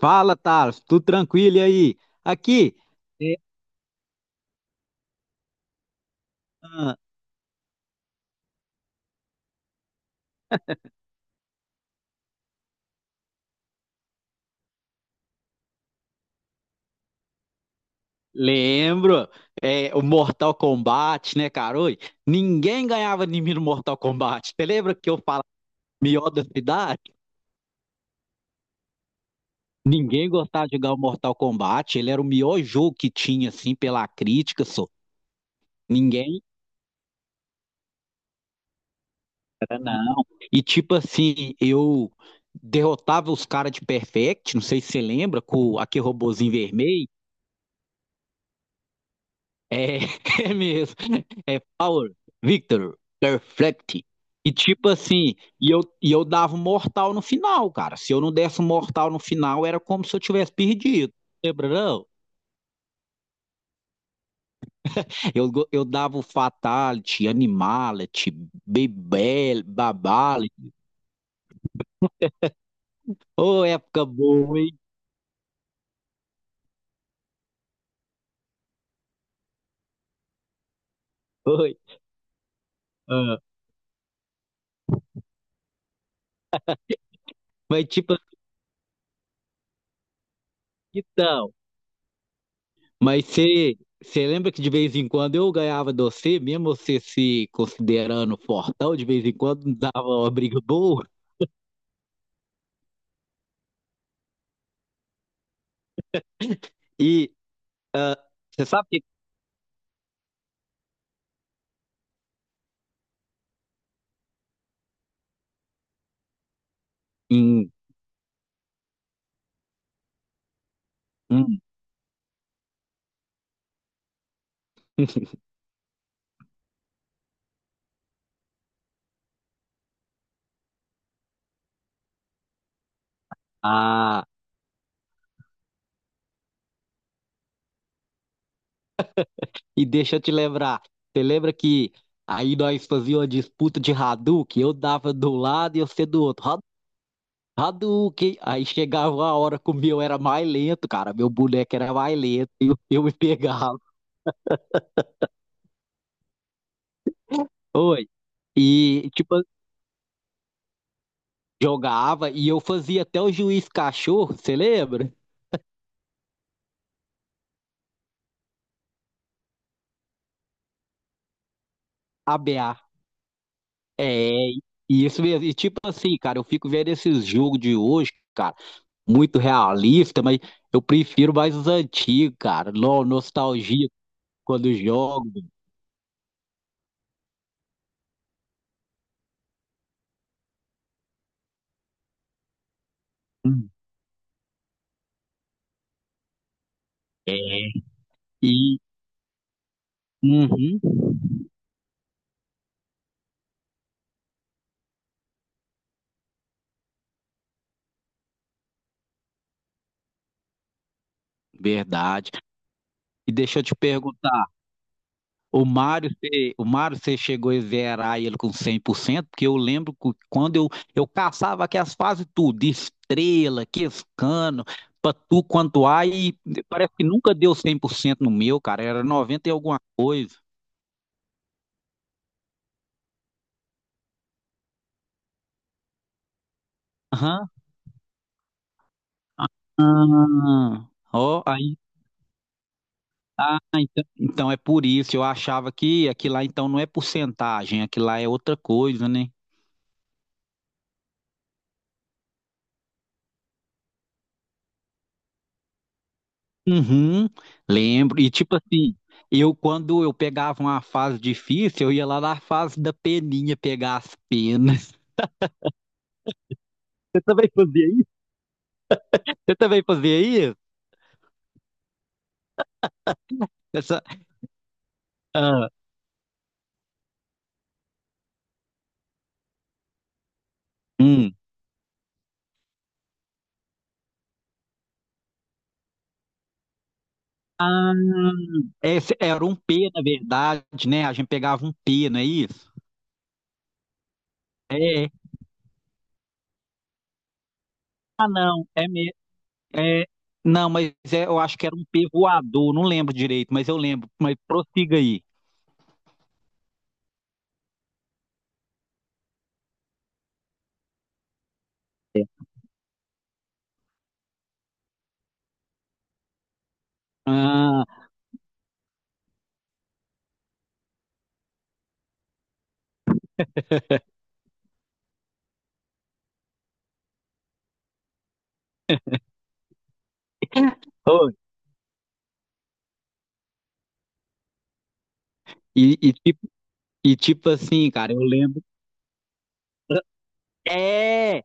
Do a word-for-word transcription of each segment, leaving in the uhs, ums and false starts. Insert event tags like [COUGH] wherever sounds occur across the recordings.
Fala, Thales, tudo tranquilo e aí? Aqui, é, ah, lembro. É o Mortal Kombat, né, cara? Oi, ninguém ganhava de mim no Mortal Kombat. Você lembra que eu falava mió da cidade? Ninguém gostava de jogar o Mortal Kombat, ele era o melhor jogo que tinha, assim, pela crítica, só. Ninguém era, não. E tipo assim, eu derrotava os caras de Perfect, não sei se você lembra, com aquele robozinho vermelho. É, [LAUGHS] é mesmo. É Power, Victor, Perfect. E tipo assim, e eu, e eu dava um mortal no final, cara. Se eu não desse um mortal no final, era como se eu tivesse perdido. Lembra, não? Eu, go- eu dava o Fatality, Animality, Bebel, Babality. Ô, época boa, hein? Foi. Ah, Mas tipo assim, então. Mas você você lembra que de vez em quando eu ganhava de você, mesmo você se considerando fortão, de vez em quando dava uma briga boa. E ah, você sabe que. Hum, hum. ah, e deixa eu te lembrar. Você lembra que aí nós fazíamos uma disputa de Hadouken? Eu dava do lado e você do outro. Ha- Hadouken! Aí chegava a hora que o meu era mais lento, cara. Meu boneco era mais lento e eu, eu me pegava. Oi. E tipo, jogava e eu fazia até o juiz cachorro, você lembra? A B A. É, e isso mesmo. E tipo assim, cara, eu fico vendo esses jogos de hoje, cara, muito realista, mas eu prefiro mais os antigos, cara. No- nostalgia quando jogo. Hum. É. E uhum, verdade. E deixa eu te perguntar. O Mário, você- o Mário, você chegou a zerar ele com cem por cento? Porque eu lembro que quando eu, eu caçava aqui as fases tudo, estrela, quescano, patu, quanto há, e parece que nunca deu cem por cento no meu, cara, era noventa e alguma coisa. Aham. Ah, ó, aí. Ah, então, então é por isso, eu achava que aquilo lá então não é porcentagem, aquilo lá é outra coisa, né? Uhum, lembro. E tipo assim, eu quando eu pegava uma fase difícil, eu ia lá na fase da peninha pegar as penas. [LAUGHS] Você também fazia isso? Você também fazia isso? Essa... Ah, hum. Hum, esse era um P, na verdade, né? A gente pegava um P, não é isso? É, é mesmo. É... Não, mas é, eu acho que era um P voador, não lembro direito, mas eu lembro. Mas prossiga aí. Ah, oi. E, e tipo, e tipo assim, cara, eu lembro. É!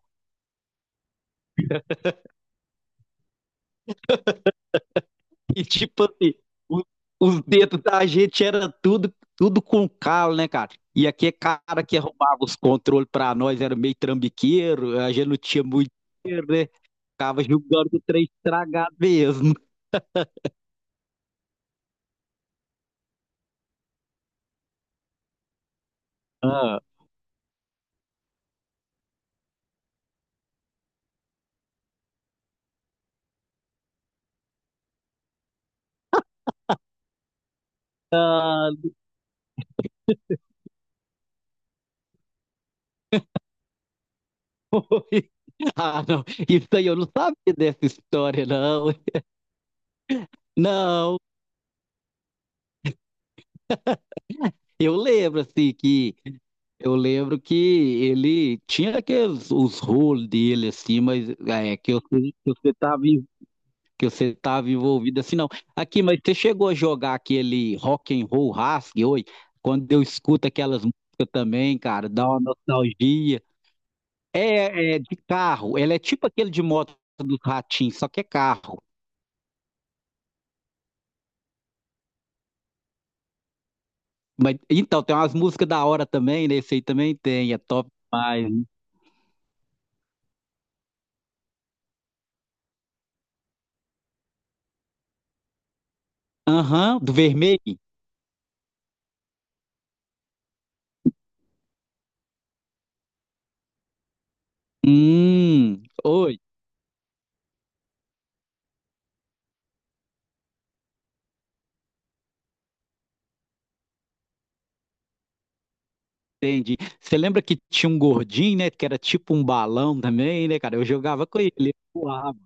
[LAUGHS] E tipo assim, o- os dedos da gente era tudo, tudo com calo, né, cara? E aquele cara que arrumava os controles pra nós era meio trambiqueiro, a gente não tinha muito dinheiro, né? Ficava julgando o trem estragado mesmo. Ah, [LAUGHS] ah, não. Isso aí eu não sabia dessa história, não. Não. Eu lembro, assim, que eu lembro que ele tinha aqueles os rolos dele, assim, mas é que eu, que você tava que você estava envolvido assim, não. Aqui, mas você chegou a jogar aquele rock and roll rasgue hoje? Quando eu escuto aquelas músicas também, cara, dá uma nostalgia. É, é de carro, ela é tipo aquele de moto do ratinho, só que é carro. Mas, então, tem umas músicas da hora também, né? Esse aí também tem, é top demais, né? Aham, do vermelho. Hum, oi, entendi. Você lembra que tinha um gordinho, né? Que era tipo um balão também, né, cara? Eu jogava com ele, ele voava.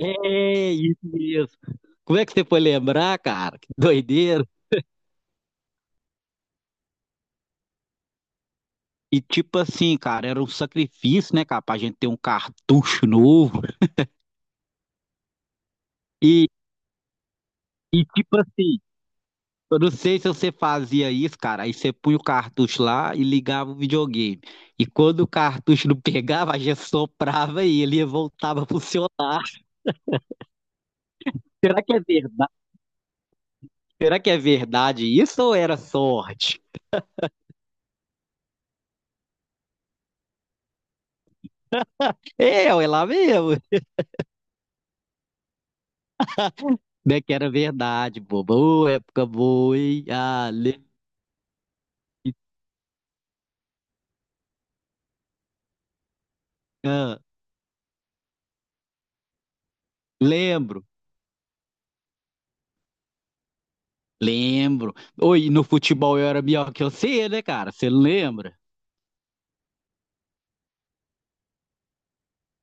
É, isso mesmo. Como é que você foi lembrar, cara? Que doideira. E tipo assim, cara, era um sacrifício, né, cara, pra gente ter um cartucho novo. E, e tipo assim, eu não sei se você fazia isso, cara. Aí você punha o cartucho lá e ligava o videogame. E quando o cartucho não pegava, a gente soprava e ele voltava a funcionar. Será que é verdade? Será que é verdade isso ou era sorte? É, é lá mesmo. Né, que era verdade, boba. Ô, época boa, hein? Ah, le- ah, lembro. Lembro. Oi, no futebol eu era melhor que você, né, cara? Você lembra?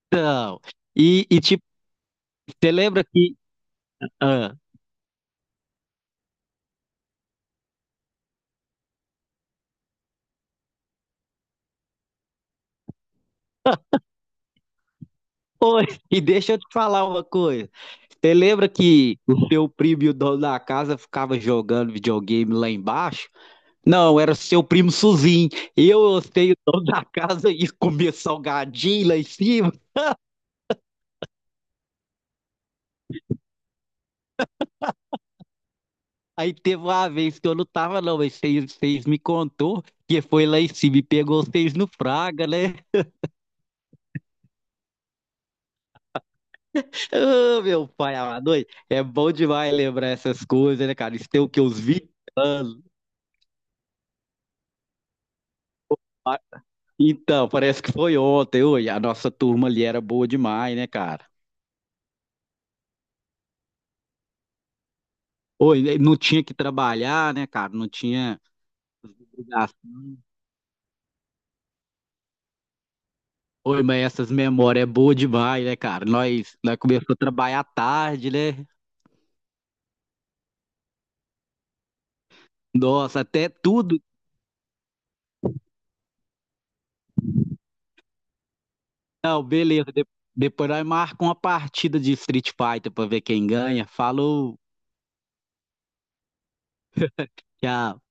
Então, e, e tipo, você lembra que. Ah, oi, [LAUGHS] e deixa eu te falar uma coisa. Você lembra que o seu primo e o dono da casa ficava jogando videogame lá embaixo? Não, era seu primo Suzinho. Eu hostei o dono da casa e comia salgadinho lá em cima. Aí teve uma vez que eu não tava, não, mas vocês, vocês me contou que foi lá em cima e pegou vocês no Fraga, né? Ô, meu pai amado, oi, é bom demais lembrar essas coisas, né, cara? Isso tem o que, uns vinte anos? Ah, então, parece que foi ontem, oi, a nossa turma ali era boa demais, né, cara? Oi, não tinha que trabalhar, né, cara? Não tinha obrigação. Oi, mas essas memórias é boa demais, né, cara? Nós, nós começamos a trabalhar tarde, né? Nossa, até tudo. Não, beleza. De- depois nós marcamos uma partida de Street Fighter pra ver quem ganha. Falou, tchau.